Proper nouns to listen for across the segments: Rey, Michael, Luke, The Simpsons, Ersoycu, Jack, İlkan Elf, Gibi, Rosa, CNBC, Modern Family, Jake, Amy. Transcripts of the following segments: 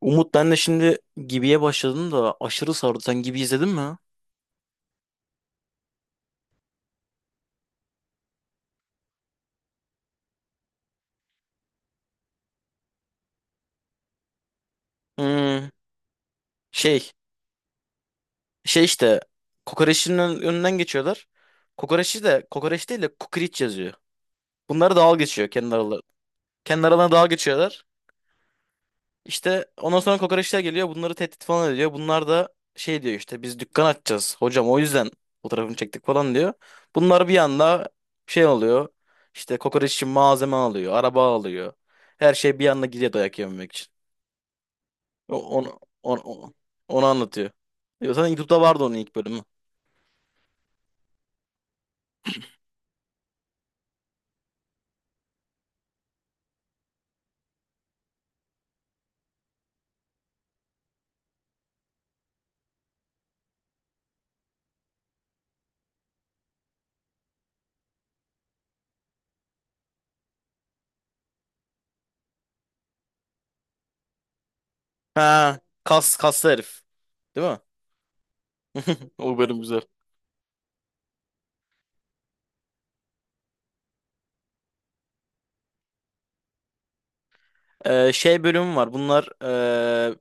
Umut ben de şimdi Gibi'ye başladım da aşırı sardı. Sen Gibi izledin mi? Hmm. Şey şey işte kokoreçin önünden geçiyorlar. Kokoreçi de kokoreç değil de kukriç yazıyor. Bunlar dalga geçiyor kendi aralarına. Kendi aralarına dalga geçiyorlar. İşte ondan sonra kokoreçler geliyor bunları tehdit falan ediyor. Bunlar da şey diyor işte biz dükkan açacağız. Hocam o yüzden fotoğrafını çektik falan diyor. Bunlar bir anda şey oluyor. İşte kokoreç için malzeme alıyor, araba alıyor. Her şey bir anda gidiyor dayak yememek için. O- Onu, onu, onu, onu anlatıyor. Ya zaten YouTube'da vardı onun ilk bölümü. Ha, kas kaslı herif. Değil mi? O bölüm güzel. Şey bölümü var. Bunlar ee,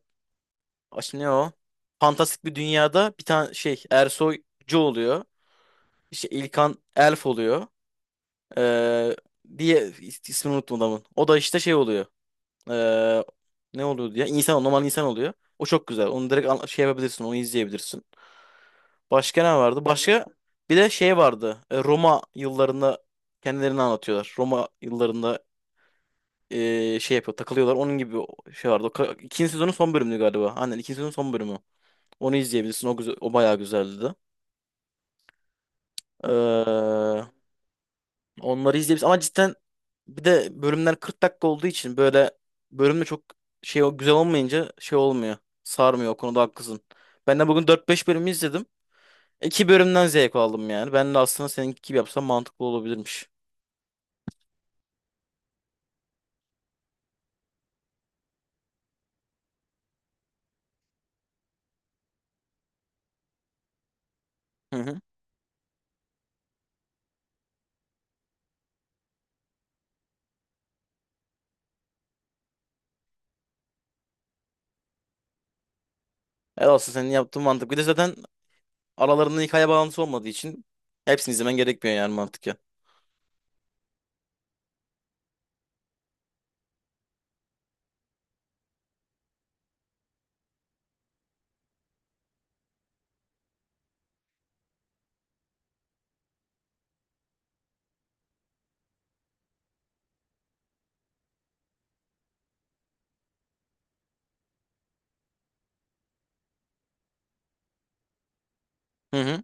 aş- ne o? Fantastik bir dünyada bir tane şey Ersoycu oluyor. İşte İlkan Elf oluyor. Ee, diye ismini unuttum adamın. O da işte şey oluyor. Ee, ne oluyor diye? İnsan, normal insan oluyor. O çok güzel. Onu direkt şey yapabilirsin. Onu izleyebilirsin. Başka ne vardı? Başka bir de şey vardı. Roma yıllarında kendilerini anlatıyorlar. Roma yıllarında şey yapıyor, takılıyorlar. Onun gibi şey vardı. İkinci sezonun son bölümü galiba. Aynen ikinci sezonun son bölümü. Onu izleyebilirsin. O güzel, o bayağı güzeldi de. Ee, onları izleyebilirsin. Ama cidden bir de bölümler 40 dakika olduğu için böyle bölümde çok şey güzel olmayınca şey olmuyor. Sarmıyor. O konuda haklısın. Ben de bugün dört beş bölümü izledim. İki bölümden zevk aldım yani. Ben de aslında seninki gibi yapsam mantıklı olabilirmiş. Hı hı. Evet, aslında senin yaptığın mantıklı. Bir de zaten aralarında hikaye bağlantısı olmadığı için hepsini izlemen gerekmiyor yani mantık ya. Hı hı.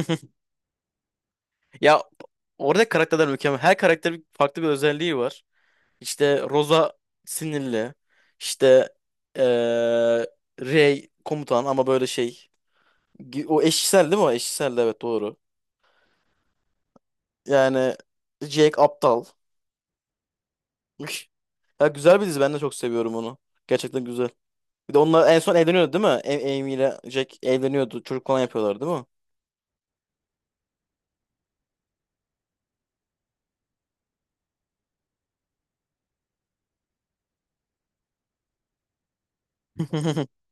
Ya orada karakterler mükemmel. Her karakterin farklı bir özelliği var. İşte Rosa sinirli. İşte eee Rey komutan ama böyle şey. O eşcinsel değil mi o? Eşcinsel de, evet, doğru. Yani Jake aptal. Üş. Ya güzel bir dizi, ben de çok seviyorum onu. Gerçekten güzel. Bir de onlar en son evleniyordu değil mi? A- Amy ile Jack evleniyordu. Çocuk falan yapıyorlar değil mi?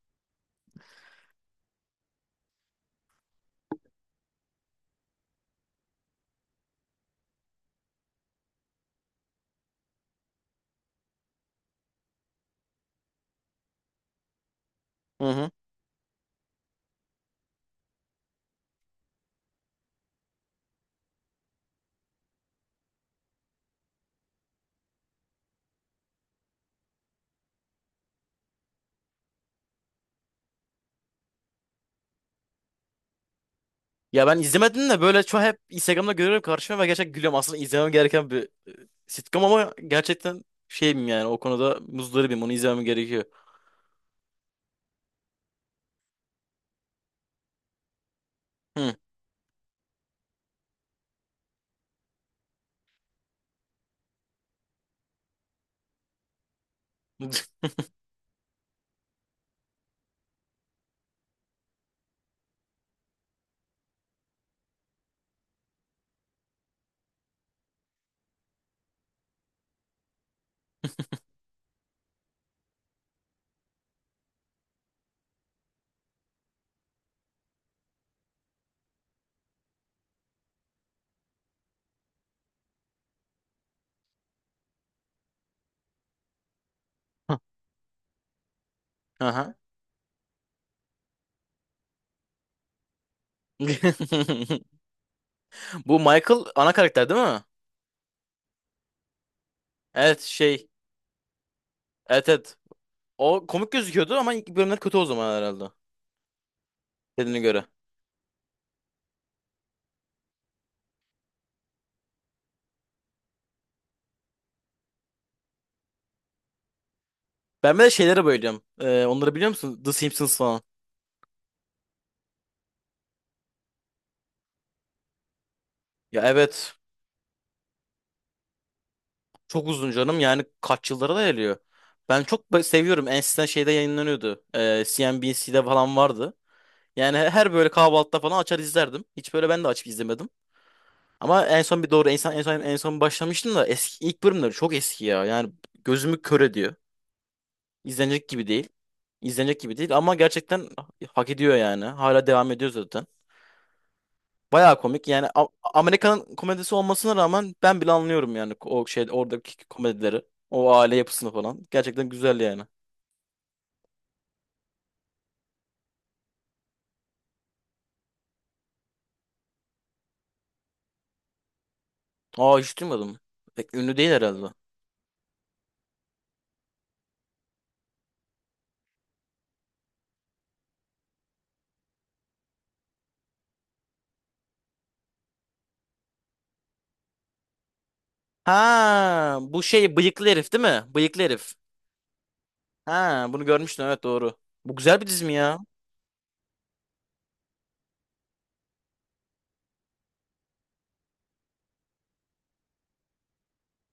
Hı hı. Ya ben izlemedim de böyle çok hep Instagram'da görüyorum karşıma ve gerçekten gülüyorum. Aslında izlemem gereken bir sitcom ama gerçekten şeyim yani o konuda muzdaribim. Onu izlemem gerekiyor. Hı. Aha. Bu Michael ana karakter değil mi? Evet, şey. Evet, evet. O komik gözüküyordu ama ilk bölümler kötü o zaman herhalde. Dediğine göre. Ben bir de şeylere bayılıyorum. Onları biliyor musun? The Simpsons falan. Ya evet. Çok uzun canım. Yani kaç yıllara da geliyor. Ben çok seviyorum. En eskiden şeyde yayınlanıyordu. CNBC'de falan vardı. Yani her böyle kahvaltıda falan açar izlerdim. Hiç böyle ben de açıp izlemedim. Ama en son bir doğru en son en son en son başlamıştım da eski ilk bölümleri çok eski ya. Yani gözümü kör ediyor. İzlenecek gibi değil. İzlenecek gibi değil ama gerçekten hak ediyor yani. Hala devam ediyor zaten. Bayağı komik. Yani Amerika'nın komedisi olmasına rağmen ben bile anlıyorum yani o şey oradaki komedileri. O aile yapısını falan. Gerçekten güzel yani. Aa, hiç duymadım. Pek ünlü değil herhalde. Ha, bu şey bıyıklı herif değil mi? Bıyıklı herif. Ha, bunu görmüştüm, evet, doğru. Bu güzel bir dizi mi ya?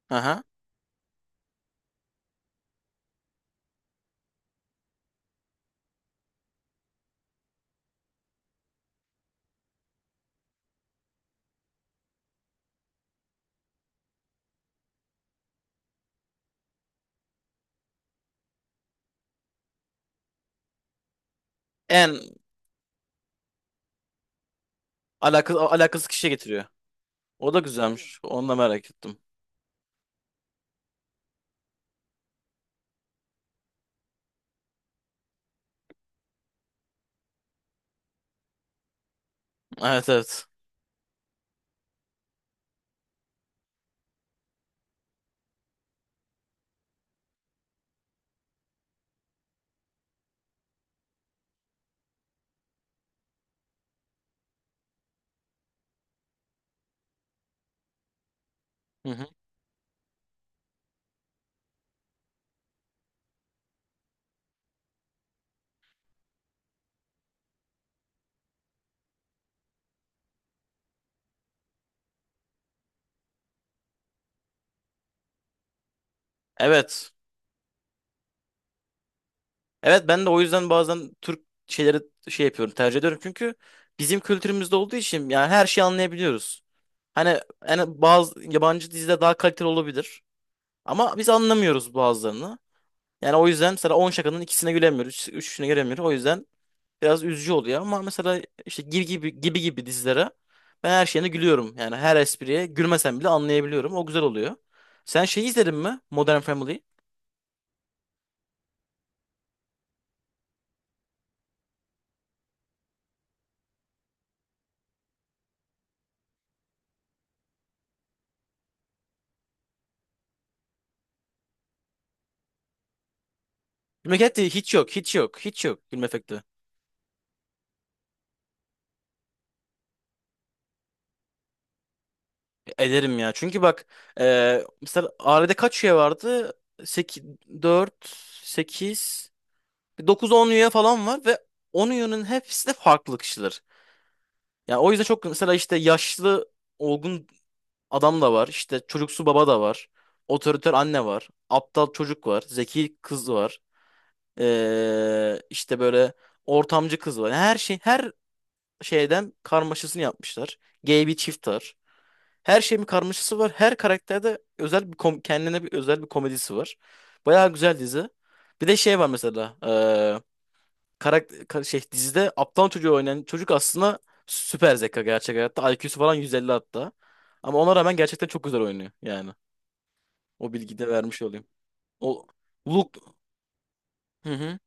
Aha. En alakasız kişiye getiriyor. O da güzelmiş. Onu da merak ettim. Evet, evet. Hı hı. Evet. Evet, ben de o yüzden bazen Türk şeyleri şey yapıyorum, tercih ediyorum çünkü bizim kültürümüzde olduğu için yani her şeyi anlayabiliyoruz. Hani yani bazı yabancı dizide daha kaliteli olabilir ama biz anlamıyoruz bazılarını. Yani o yüzden mesela 10 şakanın ikisine gülemiyoruz, üçüne gülemiyoruz. O yüzden biraz üzücü oluyor ama mesela işte gibi gibi gibi gibi dizilere ben her şeyine gülüyorum. Yani her espriye gülmesem bile anlayabiliyorum. O güzel oluyor. Sen şey izledin mi? Modern Family. Gülmek efekti hiç yok, hiç yok, hiç yok gülme efekti. Ederim ya. Çünkü bak mesela ailede kaç üye vardı? Sekiz, dört, sekiz, dokuz, on üye falan var ve 10 üyenin hepsi de farklı kişiler. Yani o yüzden çok mesela işte yaşlı olgun adam da var. İşte çocuksu baba da var. Otoriter anne var. Aptal çocuk var. Zeki kız var. İşte böyle ortamcı kız var. Yani her şey her şeyden karmaşasını yapmışlar. Gay bir çift var. Her şeyin bir karmaşası var. Her karakterde özel bir kendine bir özel bir komedisi var. Bayağı güzel dizi. Bir de şey var mesela. Şey dizide aptal çocuğu oynayan çocuk aslında süper zeka gerçek hayatta. IQ'su falan 150 hatta. Ama ona rağmen gerçekten çok güzel oynuyor yani. O bilgiyi de vermiş olayım. O Luke, hı hı.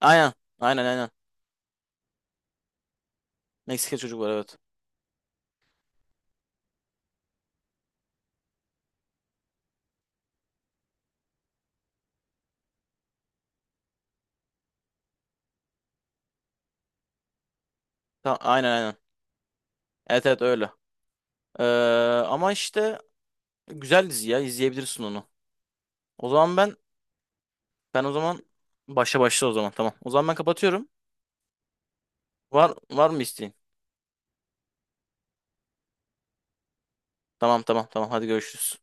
Aynen. Aynen, aynen. Meksika çocuk var, evet. Tamam, aynen, aynen. Evet, evet, öyle. Ee, Ama işte güzel dizi ya, izleyebilirsin onu. O zaman ben o zaman başla başla o zaman tamam. O zaman ben kapatıyorum. Var mı isteğin? Tamam, tamam, tamam, hadi görüşürüz.